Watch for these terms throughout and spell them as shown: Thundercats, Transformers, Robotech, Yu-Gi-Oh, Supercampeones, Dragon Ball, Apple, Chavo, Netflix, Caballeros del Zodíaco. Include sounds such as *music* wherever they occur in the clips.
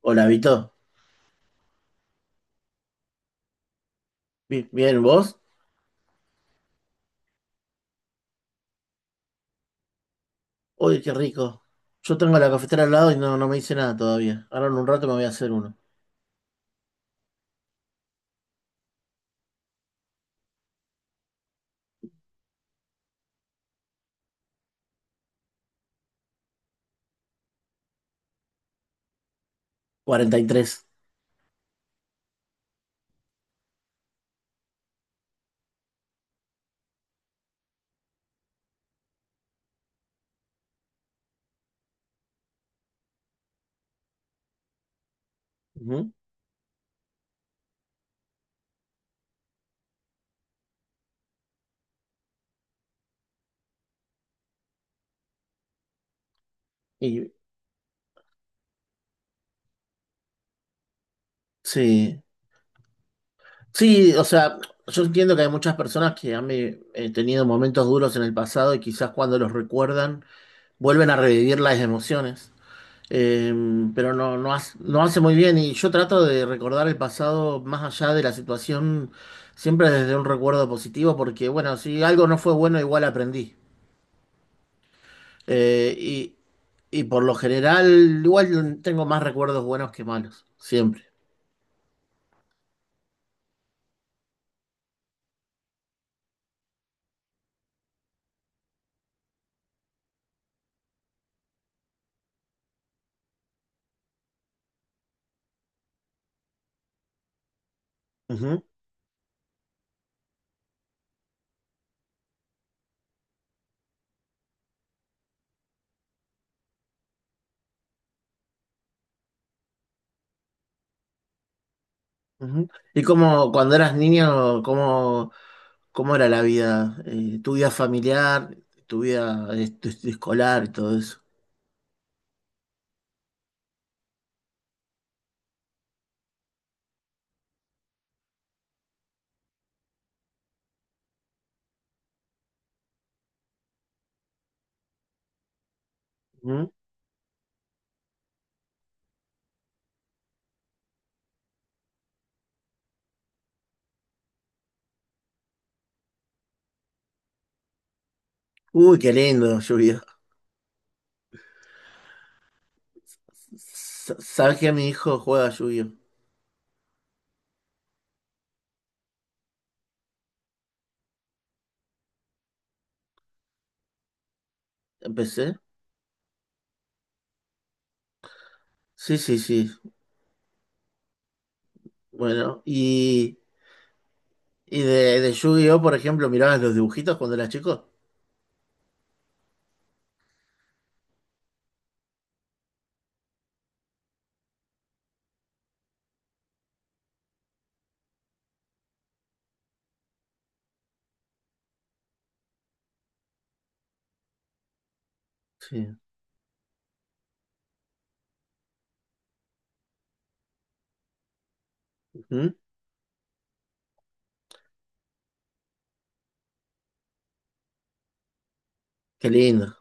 Hola, Vito. Bien, ¿vos? Oye, qué rico. Yo tengo la cafetera al lado y no, no me hice nada todavía. Ahora en un rato me voy a hacer uno. 43. Ujú. Y sí. Sí, o sea, yo entiendo que hay muchas personas que han tenido momentos duros en el pasado y quizás cuando los recuerdan vuelven a revivir las emociones. Eh, pero no hace muy bien. Y yo trato de recordar el pasado más allá de la situación, siempre desde un recuerdo positivo, porque bueno, si algo no fue bueno, igual aprendí. Eh, y, y por lo general, igual tengo más recuerdos buenos que malos, siempre. Ujú. Ujú. ¿Y cómo, cuando eras niño, cómo era la vida? Tu vida familiar, tu vida escolar y todo eso. Ujú. Uy, qué lindo, lluvia. ¿Sabes que mi hijo juega lluvia? ¿Empecé? Sí, sí, sí. Bueno, y, y de Yu-Gi-Oh, por ejemplo, ¿mirabas los dibujitos cuando eras chico? Sí. Ujú. Qué lindo.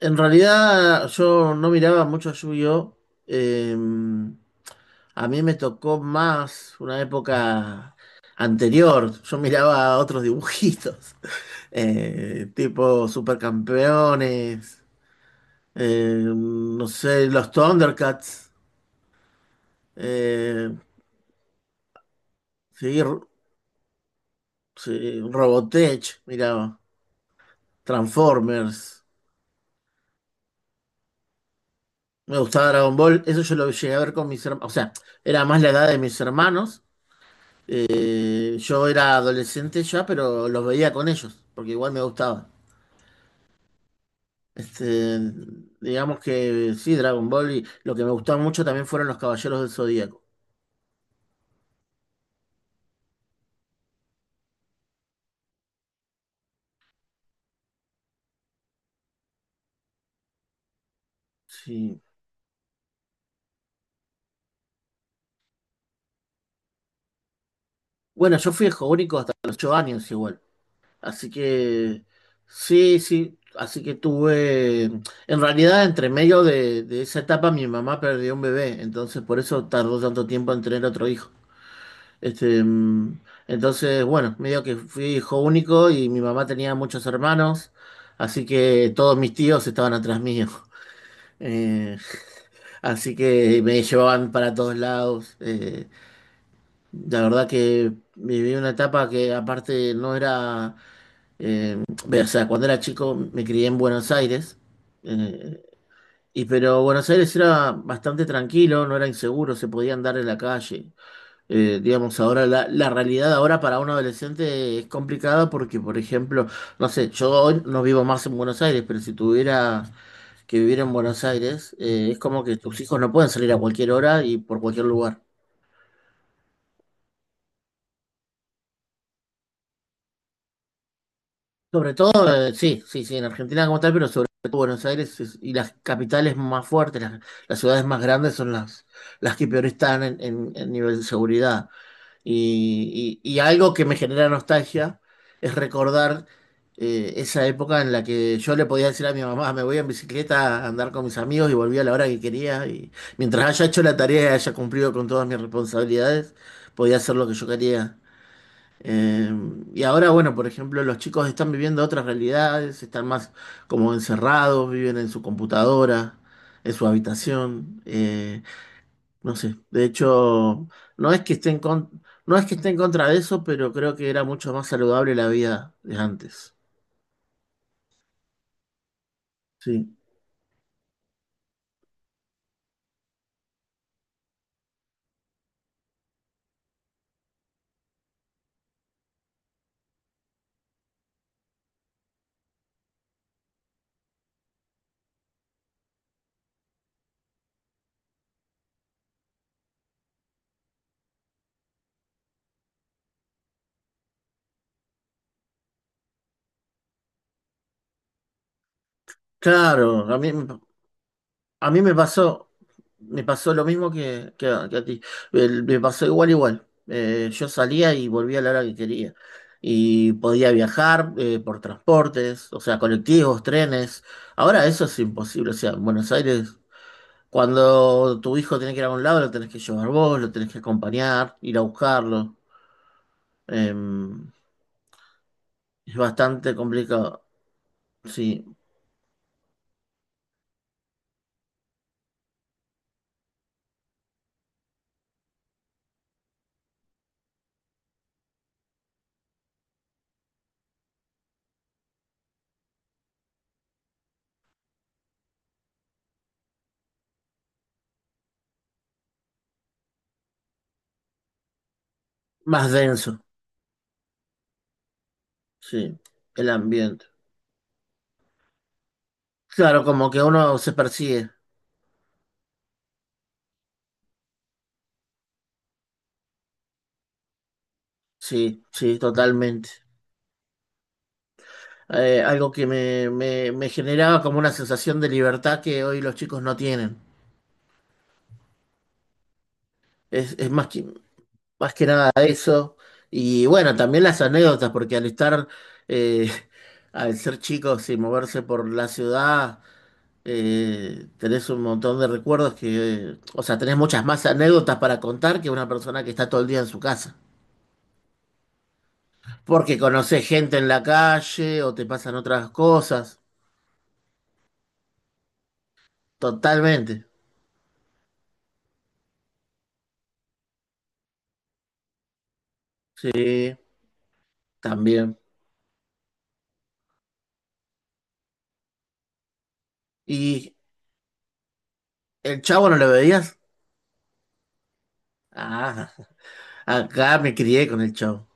En realidad yo no miraba mucho Yu-Gi-Oh! Eh, a mí me tocó más una época anterior. Yo miraba otros dibujitos, *laughs* tipo Supercampeones, no sé, los Thundercats, eh, sí, ro- sí, Robotech, miraba, Transformers. Me gustaba Dragon Ball, eso yo lo llegué a ver con mis hermanos, o sea, era más la edad de mis hermanos. Yo era adolescente ya, pero los veía con ellos, porque igual me gustaba. Este, digamos que sí, Dragon Ball y lo que me gustaba mucho también fueron los Caballeros del Zodíaco. Sí. Bueno, yo fui hijo único hasta los 8 años igual. Así que sí, sí, en realidad entre medio de esa etapa mi mamá perdió un bebé, entonces por eso tardó tanto tiempo en tener otro hijo. Este, mm, entonces, bueno, medio que fui hijo único y mi mamá tenía muchos hermanos, así que todos mis tíos estaban atrás mío. *laughs* Eh, Así que me llevaban para todos lados. La verdad que viví una etapa que aparte no era, eh, o sea, cuando era chico me crié en Buenos Aires. eh, pero Buenos Aires era bastante tranquilo, no era inseguro, se podía andar en la calle. Digamos, ahora la realidad ahora para un adolescente es complicada porque, por ejemplo, no sé, yo hoy no vivo más en Buenos Aires, pero si tuviera que vivir en Buenos Aires, es como que tus hijos no pueden salir a cualquier hora y por cualquier lugar. Sobre todo, sí, sí, sí, en Argentina como tal, pero sobre todo y las capitales más fuertes, las ciudades más grandes son las que peor están en nivel de seguridad. Y algo que me genera nostalgia es recordar esa época en la que yo le podía decir a mi mamá, me voy en bicicleta a andar con mis amigos y volví a la hora que quería. Y mientras haya hecho la tarea y haya cumplido con todas mis responsabilidades, podía hacer lo que yo quería. Eh, Ahora, bueno, por ejemplo, los chicos están viviendo otras realidades, están más como encerrados, viven en su computadora, en su habitación, no sé. De hecho, no es que esté en con- no es que esté en contra de eso, pero creo que era mucho más saludable la vida de antes. Sí. Claro, a mí, A mí me pasó, me pasó lo mismo que a ti. Me pasó igual, igual. Yo salía y volvía a la hora que quería. Y podía viajar por transportes, o sea, colectivos, trenes. Ahora eso es imposible. O sea, en Buenos Aires, cuando tu hijo tiene que ir a un lado, lo tenés que llevar vos, lo tenés que acompañar, ir a buscarlo. Em, es bastante complicado, sí. Más denso, sí, el ambiente. Claro, como que uno se persigue. Sí, sí, totalmente. Algo que me generaba como una sensación de libertad que hoy los chicos no tienen. Es, es más que, Más que nada eso. Y bueno, también las anécdotas, porque al estar, eh, *laughs* al ser chicos y moverse por la ciudad, tenés un montón de recuerdos que, o sea, tenés muchas más anécdotas para contar que una persona que está todo el día en su casa. Porque conocés gente en la calle o te pasan otras cosas. Totalmente. Sí. También. ¿Y el Chavo no lo veías? Ah, acá me crié con el Chavo.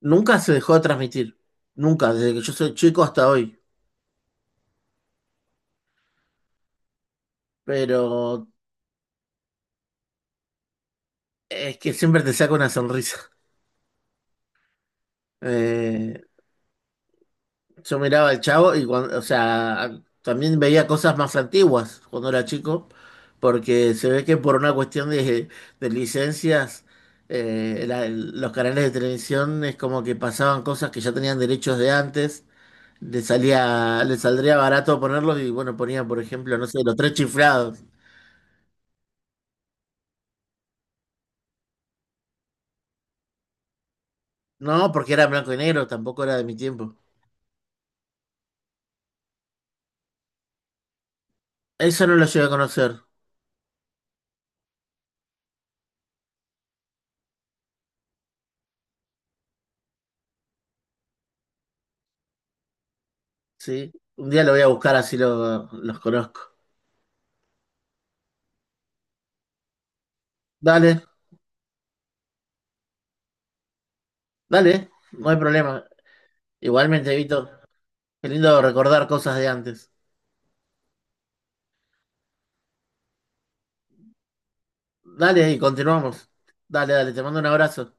Nunca se dejó de transmitir. Nunca, desde que yo soy chico hasta hoy. Pero es que siempre te saca una sonrisa. Eh, yo miraba al Chavo y cuando, o sea, también veía cosas más antiguas cuando era chico, porque se ve que por una cuestión de licencias, los canales de televisión es como que pasaban cosas que ya tenían derechos de antes. Le salía, le saldría barato ponerlos y bueno, ponía, por ejemplo, no sé, los tres chiflados. No, porque era blanco y negro, tampoco era de mi tiempo. Eso no lo llegué a conocer, ¿sí? Un día lo voy a buscar así los conozco. Dale, dale, no hay problema. Igualmente, Vito, qué lindo recordar cosas de antes. Dale, y continuamos. Dale, dale, te mando un abrazo.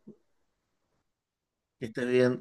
Que estés bien.